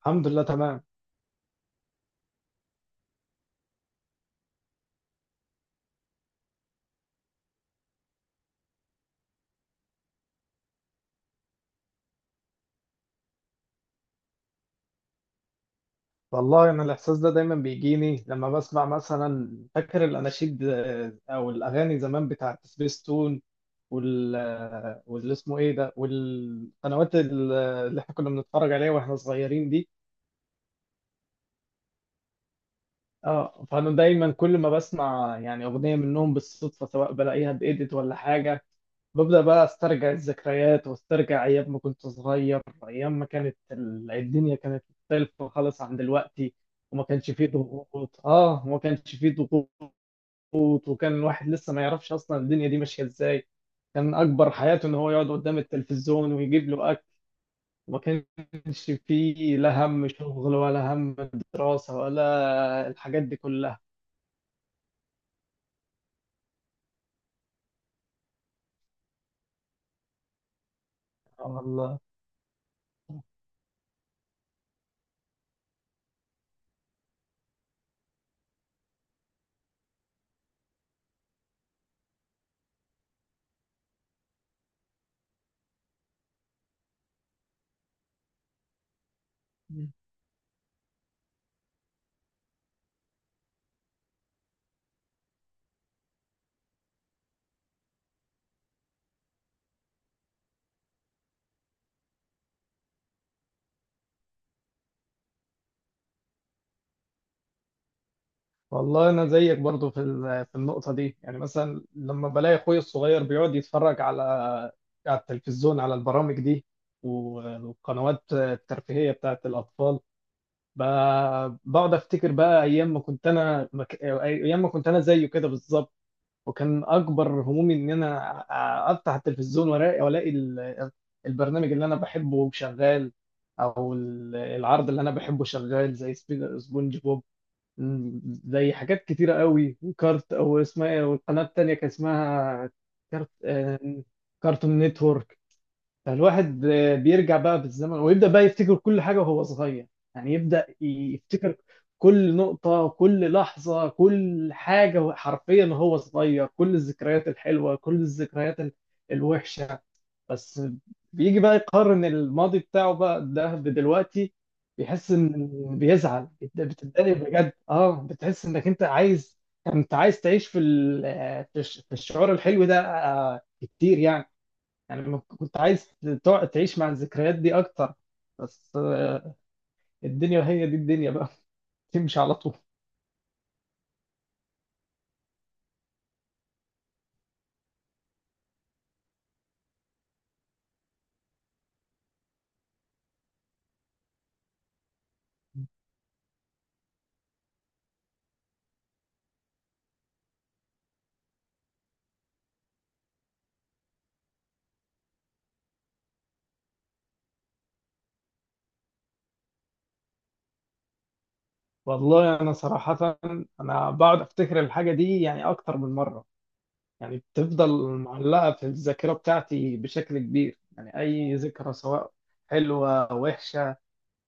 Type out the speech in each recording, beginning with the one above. الحمد لله تمام. والله انا الاحساس ده دايما بيجيني لما بسمع، مثلا، فاكر الاناشيد، او الاغاني زمان بتاعت سبيس تون، وال آه، واللي اسمه ايه ده والقنوات اللي احنا كنا بنتفرج عليها واحنا صغيرين دي. اه، فانا دايما كل ما بسمع يعني اغنيه منهم بالصدفه، سواء بلاقيها بإيديت ولا حاجه، ببدا بقى استرجع الذكريات واسترجع ايام ما كنت صغير. ايام ما كانت الدنيا كانت مختلفه خالص عن دلوقتي، وما كانش فيه ضغوط. وكان الواحد لسه ما يعرفش اصلا الدنيا دي ماشيه ازاي، كان اكبر حياته ان هو يقعد قدام التلفزيون ويجيب له اكل، وما كانش فيه لا هم شغل ولا هم دراسه ولا الحاجات دي كلها. آه والله. مم. والله انا زيك برضو في في النقطه دي، يعني مثلا لما بلاقي اخوي الصغير بيقعد يتفرج على التلفزيون، على البرامج دي و- والقنوات الترفيهيه بتاعت الاطفال، بقعد افتكر بقى ايام ما كنت انا ايام ما كنت انا زيه كده بالظبط. وكان اكبر همومي ان انا افتح التلفزيون والاقي البرنامج اللي انا بحبه شغال، او العرض اللي انا بحبه شغال، زي سبونج بوب، زي حاجات كتيرة قوي، وكارت او اسمها ايه، والقناة التانية كان اسمها كارت آه، كارتون نتورك. فالواحد بيرجع بقى بالزمن، ويبدأ بقى يفتكر كل حاجة وهو صغير، يعني يبدأ يفتكر كل نقطة، كل لحظة، كل حاجة حرفيا وهو صغير، كل الذكريات الحلوة، كل الذكريات الوحشة. بس بيجي بقى يقارن الماضي بتاعه بقى ده بدلوقتي، بيحس ان، بيزعل، بتتضايق بجد. اه، بتحس انك انت عايز تعيش في في الشعور الحلو ده كتير، يعني، يعني ما كنت عايز تقعد تعيش مع الذكريات دي اكتر. بس الدنيا هي دي الدنيا بقى. تمشي على طول. والله انا صراحة، انا بقعد افتكر الحاجة دي يعني اكتر من مرة، يعني بتفضل معلقة في الذاكرة بتاعتي بشكل كبير، يعني اي ذكرى، سواء حلوة او وحشة،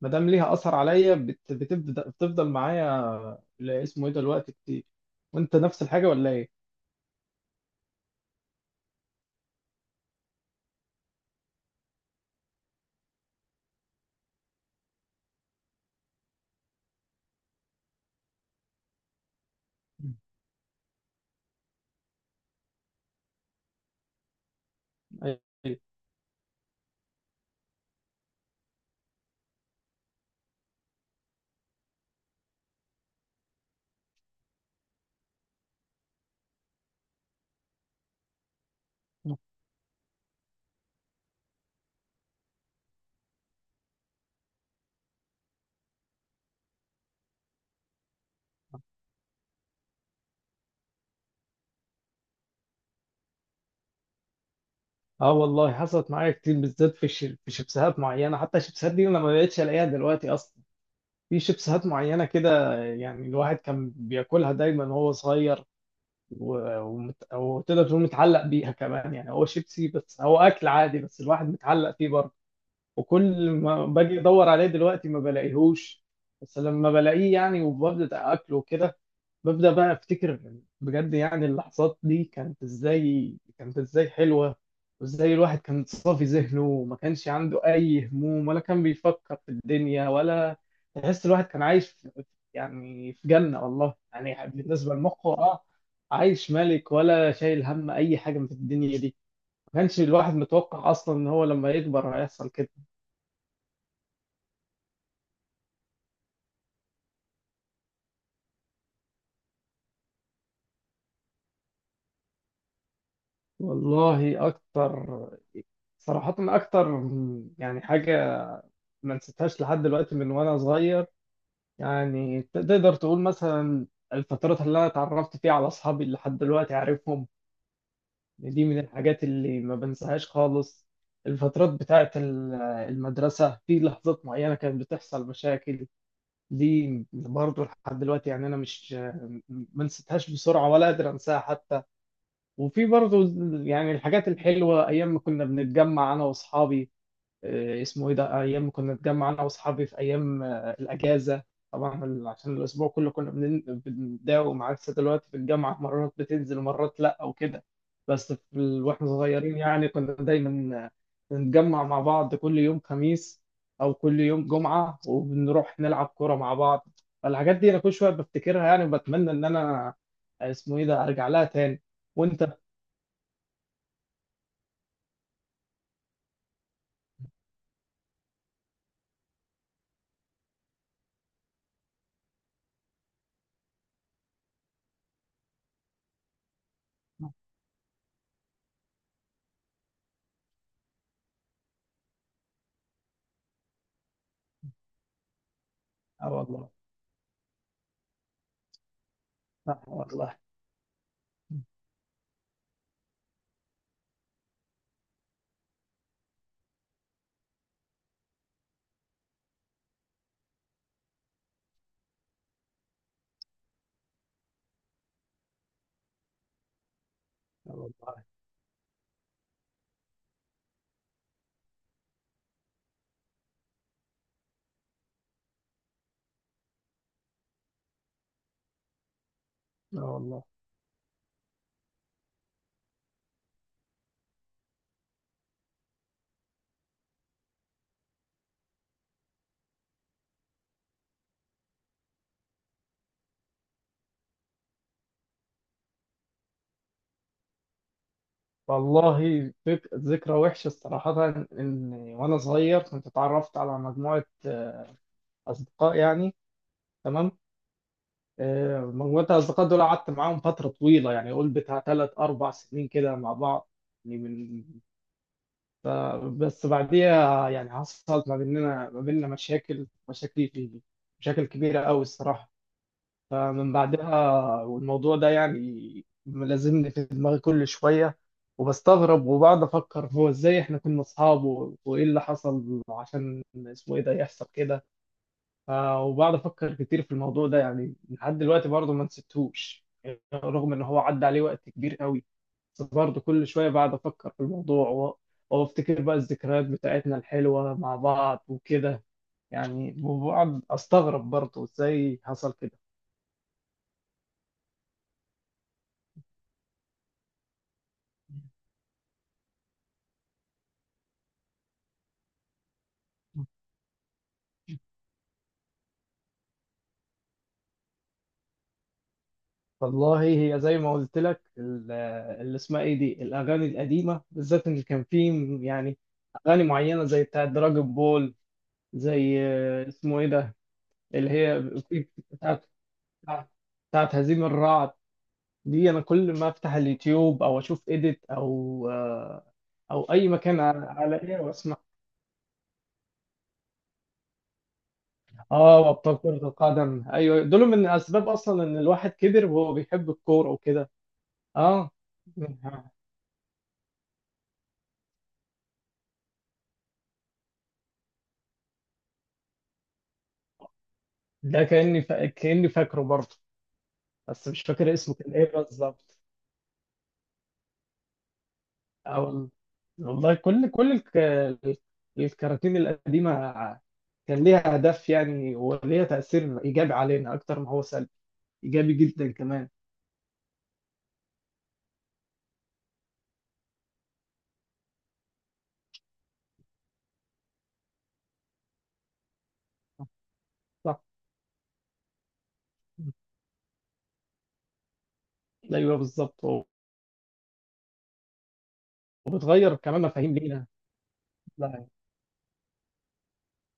ما دام ليها اثر عليا، بتبدأ بتفضل معايا ل- اسمه ايه ده الوقت كتير. وانت نفس الحاجة ولا ايه؟ أيوة. اه والله، حصلت معايا كتير، بالذات في في شيبسات معينه، حتى الشيبسات دي انا ما بقتش الاقيها دلوقتي اصلا. في شيبسات معينه كده، يعني الواحد كان بياكلها دايما وهو صغير، وتقدر تقول متعلق بيها كمان، يعني هو شيبسي بس، هو اكل عادي، بس الواحد متعلق فيه برضه. وكل ما باجي ادور عليه دلوقتي ما بلاقيهوش، بس لما بلاقيه، يعني وببدا اكله كده، ببدأ بقى أفتكر بجد، يعني اللحظات دي كانت إزاي، كانت إزاي حلوة، وإزاي الواحد كان صافي ذهنه، وما كانش عنده أي هموم، ولا كان بيفكر في الدنيا، ولا، تحس الواحد كان عايش في، يعني في جنة والله، يعني بالنسبة لمخه، عايش ملك، ولا شايل هم أي حاجة من الدنيا دي. ما كانش الواحد متوقع أصلا إن هو لما يكبر هيحصل كده. والله أكتر، صراحة أكتر، يعني حاجة ما نسيتهاش لحد دلوقتي من وأنا صغير. يعني تقدر تقول مثلا الفترات اللي انا اتعرفت فيها على اصحابي اللي لحد دلوقتي عارفهم، يعني دي من الحاجات اللي ما بنساهاش خالص. الفترات بتاعت المدرسة، في لحظات معينة كانت بتحصل مشاكل، دي برضه لحد دلوقتي، يعني أنا مش، ما نسيتهاش بسرعة ولا قادر أنساها حتى. وفي برضه، يعني الحاجات الحلوة، أيام ما كنا بنتجمع أنا وأصحابي، آه، اسمه ايه ده ايام ما كنا نتجمع انا واصحابي في ايام الاجازه. طبعا عشان الاسبوع كله كنا بنداوم، عكس دلوقتي في الجامعه، مرات بتنزل ومرات لا وكده. بس واحنا صغيرين يعني كنا دايما نتجمع مع بعض كل يوم خميس او كل يوم جمعه، وبنروح نلعب كوره مع بعض. فالحاجات دي انا كل شويه بفتكرها، يعني وبتمنى ان انا آه، اسمه ايه ده ارجع لها تاني. وانت؟ اه والله، اه والله، اه والله، اه والله. والله ذكرى وحشة صراحة، إن وأنا صغير كنت اتعرفت على مجموعة أصدقاء يعني، تمام. مجموعة الأصدقاء دول قعدت معاهم فترة طويلة، يعني قول بتاع تلات أربع سنين كده مع بعض، يعني من، ف- بس بعديها يعني حصلت ما بيننا مشاكل كبيرة أوي الصراحة. فمن بعدها، والموضوع ده يعني ملازمني في دماغي كل شوية، وبستغرب وبقعد أفكر، هو إزاي إحنا كنا أصحاب وإيه اللي حصل عشان اسمه إيه ده يحصل كده. ف- وبقعد أفكر كتير في الموضوع ده، يعني لحد دلوقتي برضه ما نسيتهوش، يعني رغم إن هو عدى عليه وقت كبير قوي، بس برضه كل شوية بقعد أفكر في الموضوع وأفتكر بقى الذكريات بتاعتنا الحلوة مع بعض وكده، يعني وبقعد أستغرب برضه إزاي حصل كده. والله هي زي ما قلت لك، ال- اللي اسمها ايه دي الاغاني القديمه بالذات، ان كان في، يعني، اغاني معينه زي بتاعه دراجون بول، زي آه، اسمه ايه ده اللي هي بتاعه هزيم الرعد. دي انا كل ما افتح اليوتيوب، او اشوف ايديت او اي مكان، الاقيها واسمع. اه، وابطال كره القدم، ايوه، دول من اسباب اصلا ان الواحد كبر وهو بيحب الكوره وكده. اه، ده كاني فاكره برضه، بس مش فاكر اسمه كان ايه بالظبط. أو والله، كل الكراتين القديمة كان ليها هدف، يعني، وليها تأثير إيجابي علينا أكتر ما هو سلبي، إيجابي جدا كمان. صح. أيوه بالظبط وبتغير كمان مفاهيم لينا. لا،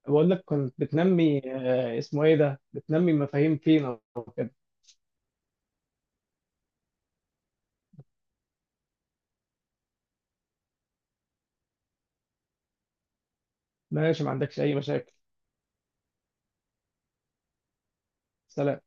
بقول لك كنت بتنمي آه، اسمه إيه ده بتنمي مفاهيم فينا وكده. ماشي، ما عندكش أي مشاكل. سلام.